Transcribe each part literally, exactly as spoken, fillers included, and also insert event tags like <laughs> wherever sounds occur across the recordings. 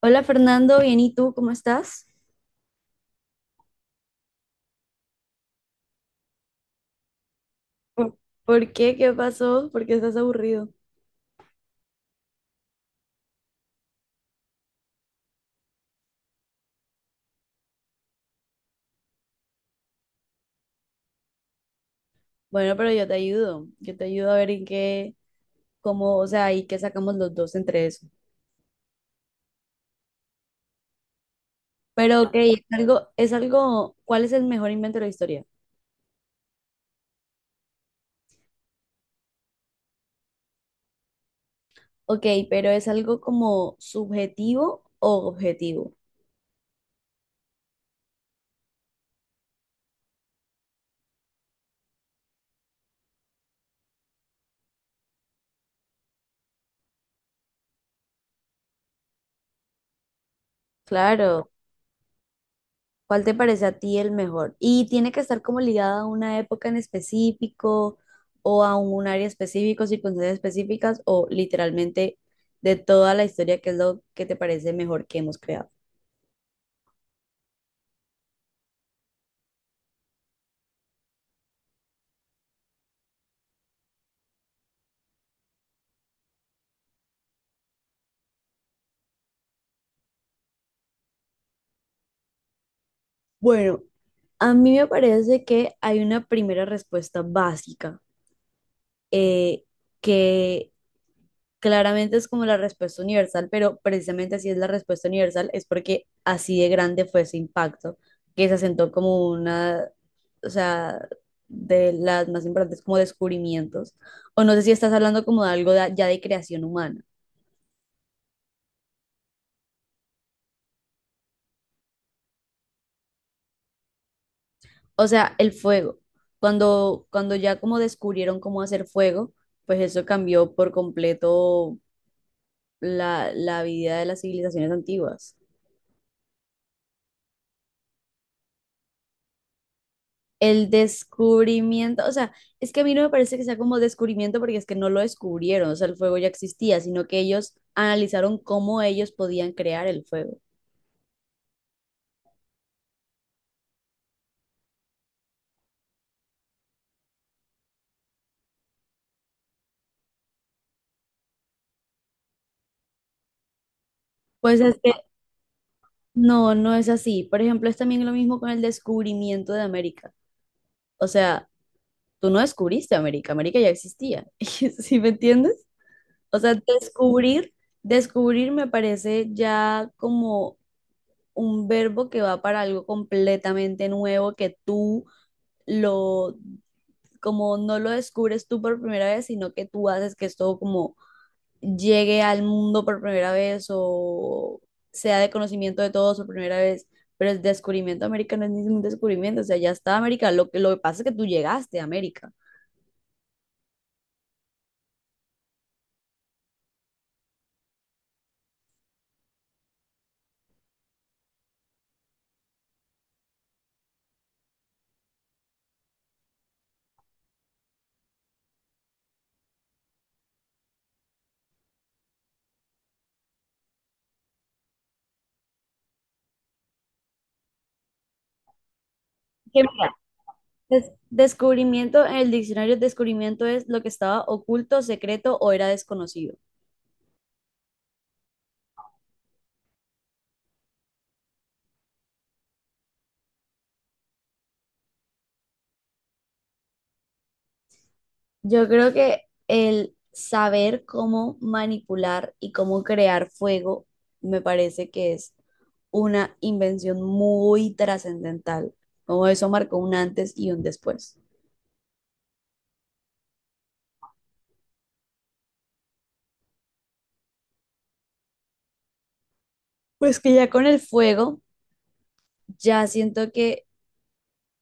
Hola Fernando, bien, ¿y tú cómo estás? ¿Por, ¿Por qué? ¿Qué pasó? ¿Por qué estás aburrido? Bueno, pero yo te ayudo, yo te ayudo a ver en qué, cómo, o sea, y qué sacamos los dos entre eso. Pero ok, es algo, es algo, ¿cuál es el mejor invento de la historia? Ok, pero ¿es algo como subjetivo o objetivo? Claro. ¿Cuál te parece a ti el mejor? Y tiene que estar como ligada a una época en específico o a un área específico, circunstancias específicas o literalmente de toda la historia, que es lo que te parece mejor que hemos creado? Bueno, a mí me parece que hay una primera respuesta básica. eh, que claramente es como la respuesta universal, pero precisamente así es la respuesta universal, es porque así de grande fue ese impacto, que se asentó como una, o sea, de las más importantes como descubrimientos, o no sé si estás hablando como de algo de- ya de creación humana, o sea, el fuego, cuando, cuando ya como descubrieron cómo hacer fuego, pues eso cambió por completo la, la vida de las civilizaciones antiguas. El descubrimiento, o sea, es que a mí no me parece que sea como descubrimiento porque es que no lo descubrieron, o sea, el fuego ya existía, sino que ellos analizaron cómo ellos podían crear el fuego. Pues es que no, no es así. Por ejemplo, es también lo mismo con el descubrimiento de América. O sea, tú no descubriste América, América ya existía. <laughs> ¿Sí me entiendes? O sea, descubrir, descubrir me parece ya como un verbo que va para algo completamente nuevo que tú lo como no lo descubres tú por primera vez, sino que tú haces que esto como llegue al mundo por primera vez o sea de conocimiento de todos por primera vez. Pero el descubrimiento de América no es ningún descubrimiento, o sea, ya está América. Lo que, lo que pasa es que tú llegaste a América. Que mira, des- descubrimiento en el diccionario, descubrimiento es lo que estaba oculto, secreto o era desconocido. Yo creo que el saber cómo manipular y cómo crear fuego me parece que es una invención muy trascendental, como eso marcó un antes y un después. Pues que ya con el fuego, ya siento que,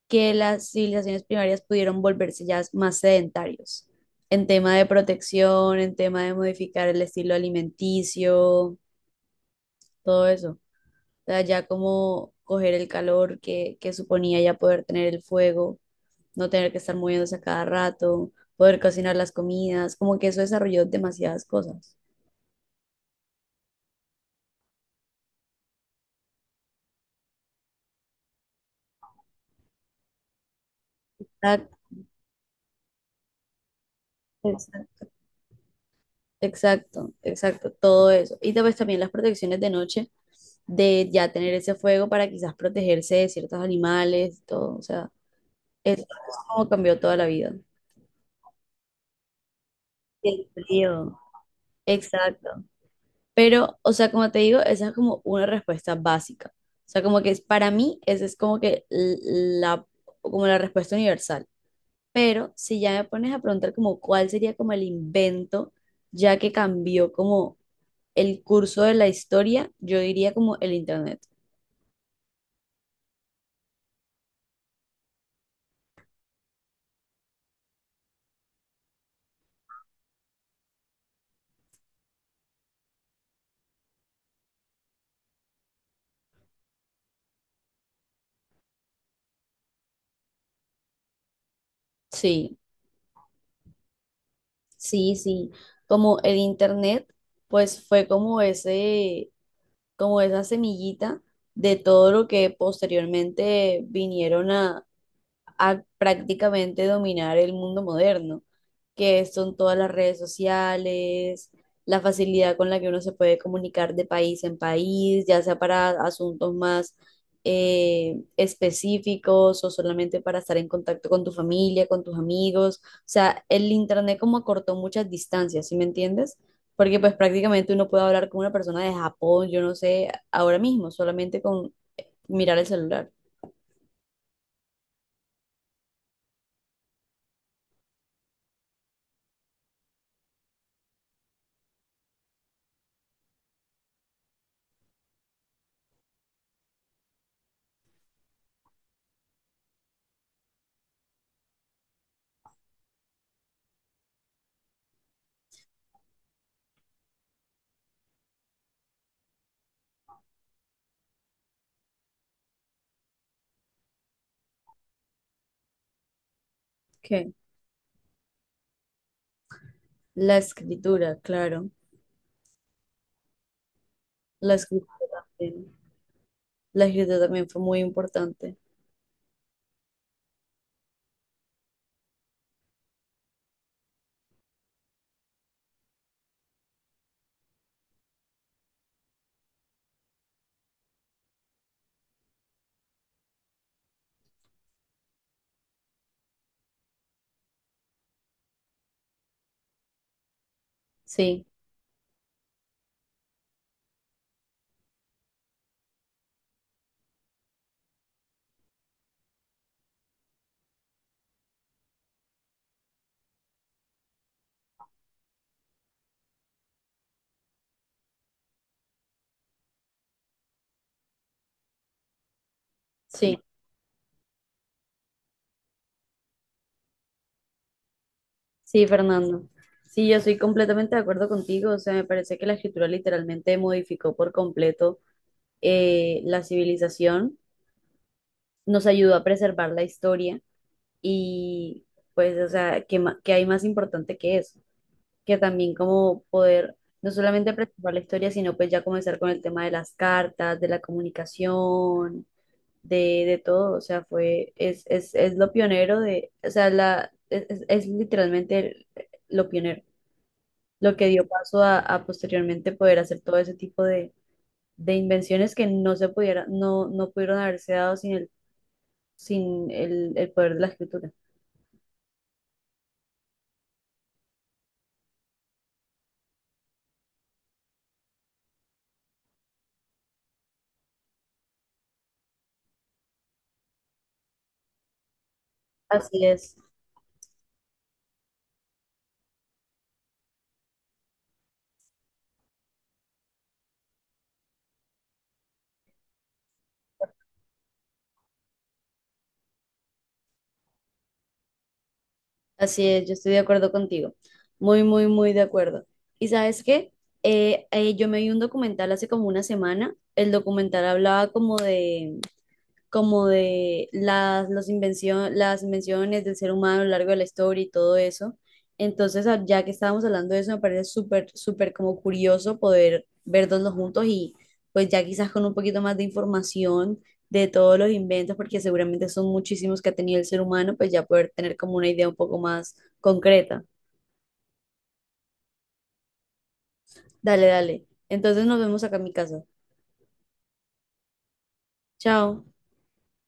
que las civilizaciones primarias pudieron volverse ya más sedentarios en tema de protección, en tema de modificar el estilo alimenticio, todo eso. O sea, ya como coger el calor que, que suponía ya poder tener el fuego, no tener que estar moviéndose a cada rato, poder cocinar las comidas, como que eso desarrolló demasiadas cosas. Sea, exacto, exacto, exacto, todo eso. Y después también las protecciones de noche, de ya tener ese fuego para quizás protegerse de ciertos animales, todo, o sea, es es como cambió toda la vida. El frío, exacto. Pero, o sea, como te digo, esa es como una respuesta básica. O sea, como que es, para mí, esa es como que l- la, como la respuesta universal. Pero si ya me pones a preguntar como cuál sería como el invento, ya que cambió como el curso de la historia, yo diría como el internet. Sí, sí, sí. Como el internet, pues fue como ese, como esa semillita de todo lo que posteriormente vinieron a a prácticamente dominar el mundo moderno, que son todas las redes sociales, la facilidad con la que uno se puede comunicar de país en país, ya sea para asuntos más eh, específicos o solamente para estar en contacto con tu familia, con tus amigos. O sea, el internet como acortó muchas distancias, ¿sí me entiendes? Porque pues prácticamente uno puede hablar con una persona de Japón, yo no sé, ahora mismo, solamente con mirar el celular. ¿Qué? La escritura, claro. La escritura también. La escritura también fue muy importante. Sí, sí, sí, Fernando. Sí, yo estoy completamente de acuerdo contigo. O sea, me parece que la escritura literalmente modificó por completo eh, la civilización, nos ayudó a preservar la historia y pues, o sea, ¿qué, ma- ¿qué hay más importante que eso? Que también como poder no solamente preservar la historia, sino pues ya comenzar con el tema de las cartas, de la comunicación de, de todo, o sea, fue, es, es, es lo pionero de, o sea, la, es, es- es literalmente el- lo pionero, lo que dio paso a, a posteriormente poder hacer todo ese tipo de, de invenciones que no se pudiera, no, no pudieron haberse dado sin el, sin el, el poder de la escritura. Así es, así es, yo estoy de acuerdo contigo, muy, muy, muy de acuerdo. ¿Y sabes qué? Eh, eh, yo me vi un documental hace como una semana, el documental hablaba como de como de las, los invencio- las invenciones del ser humano a lo largo de la historia y todo eso. Entonces, a- ya que estábamos hablando de eso, me parece súper, súper como curioso poder verlos juntos y pues ya quizás con un poquito más de información de todos los inventos, porque seguramente son muchísimos que ha tenido el ser humano, pues ya poder tener como una idea un poco más concreta. Dale, dale. Entonces nos vemos acá en mi casa. Chao.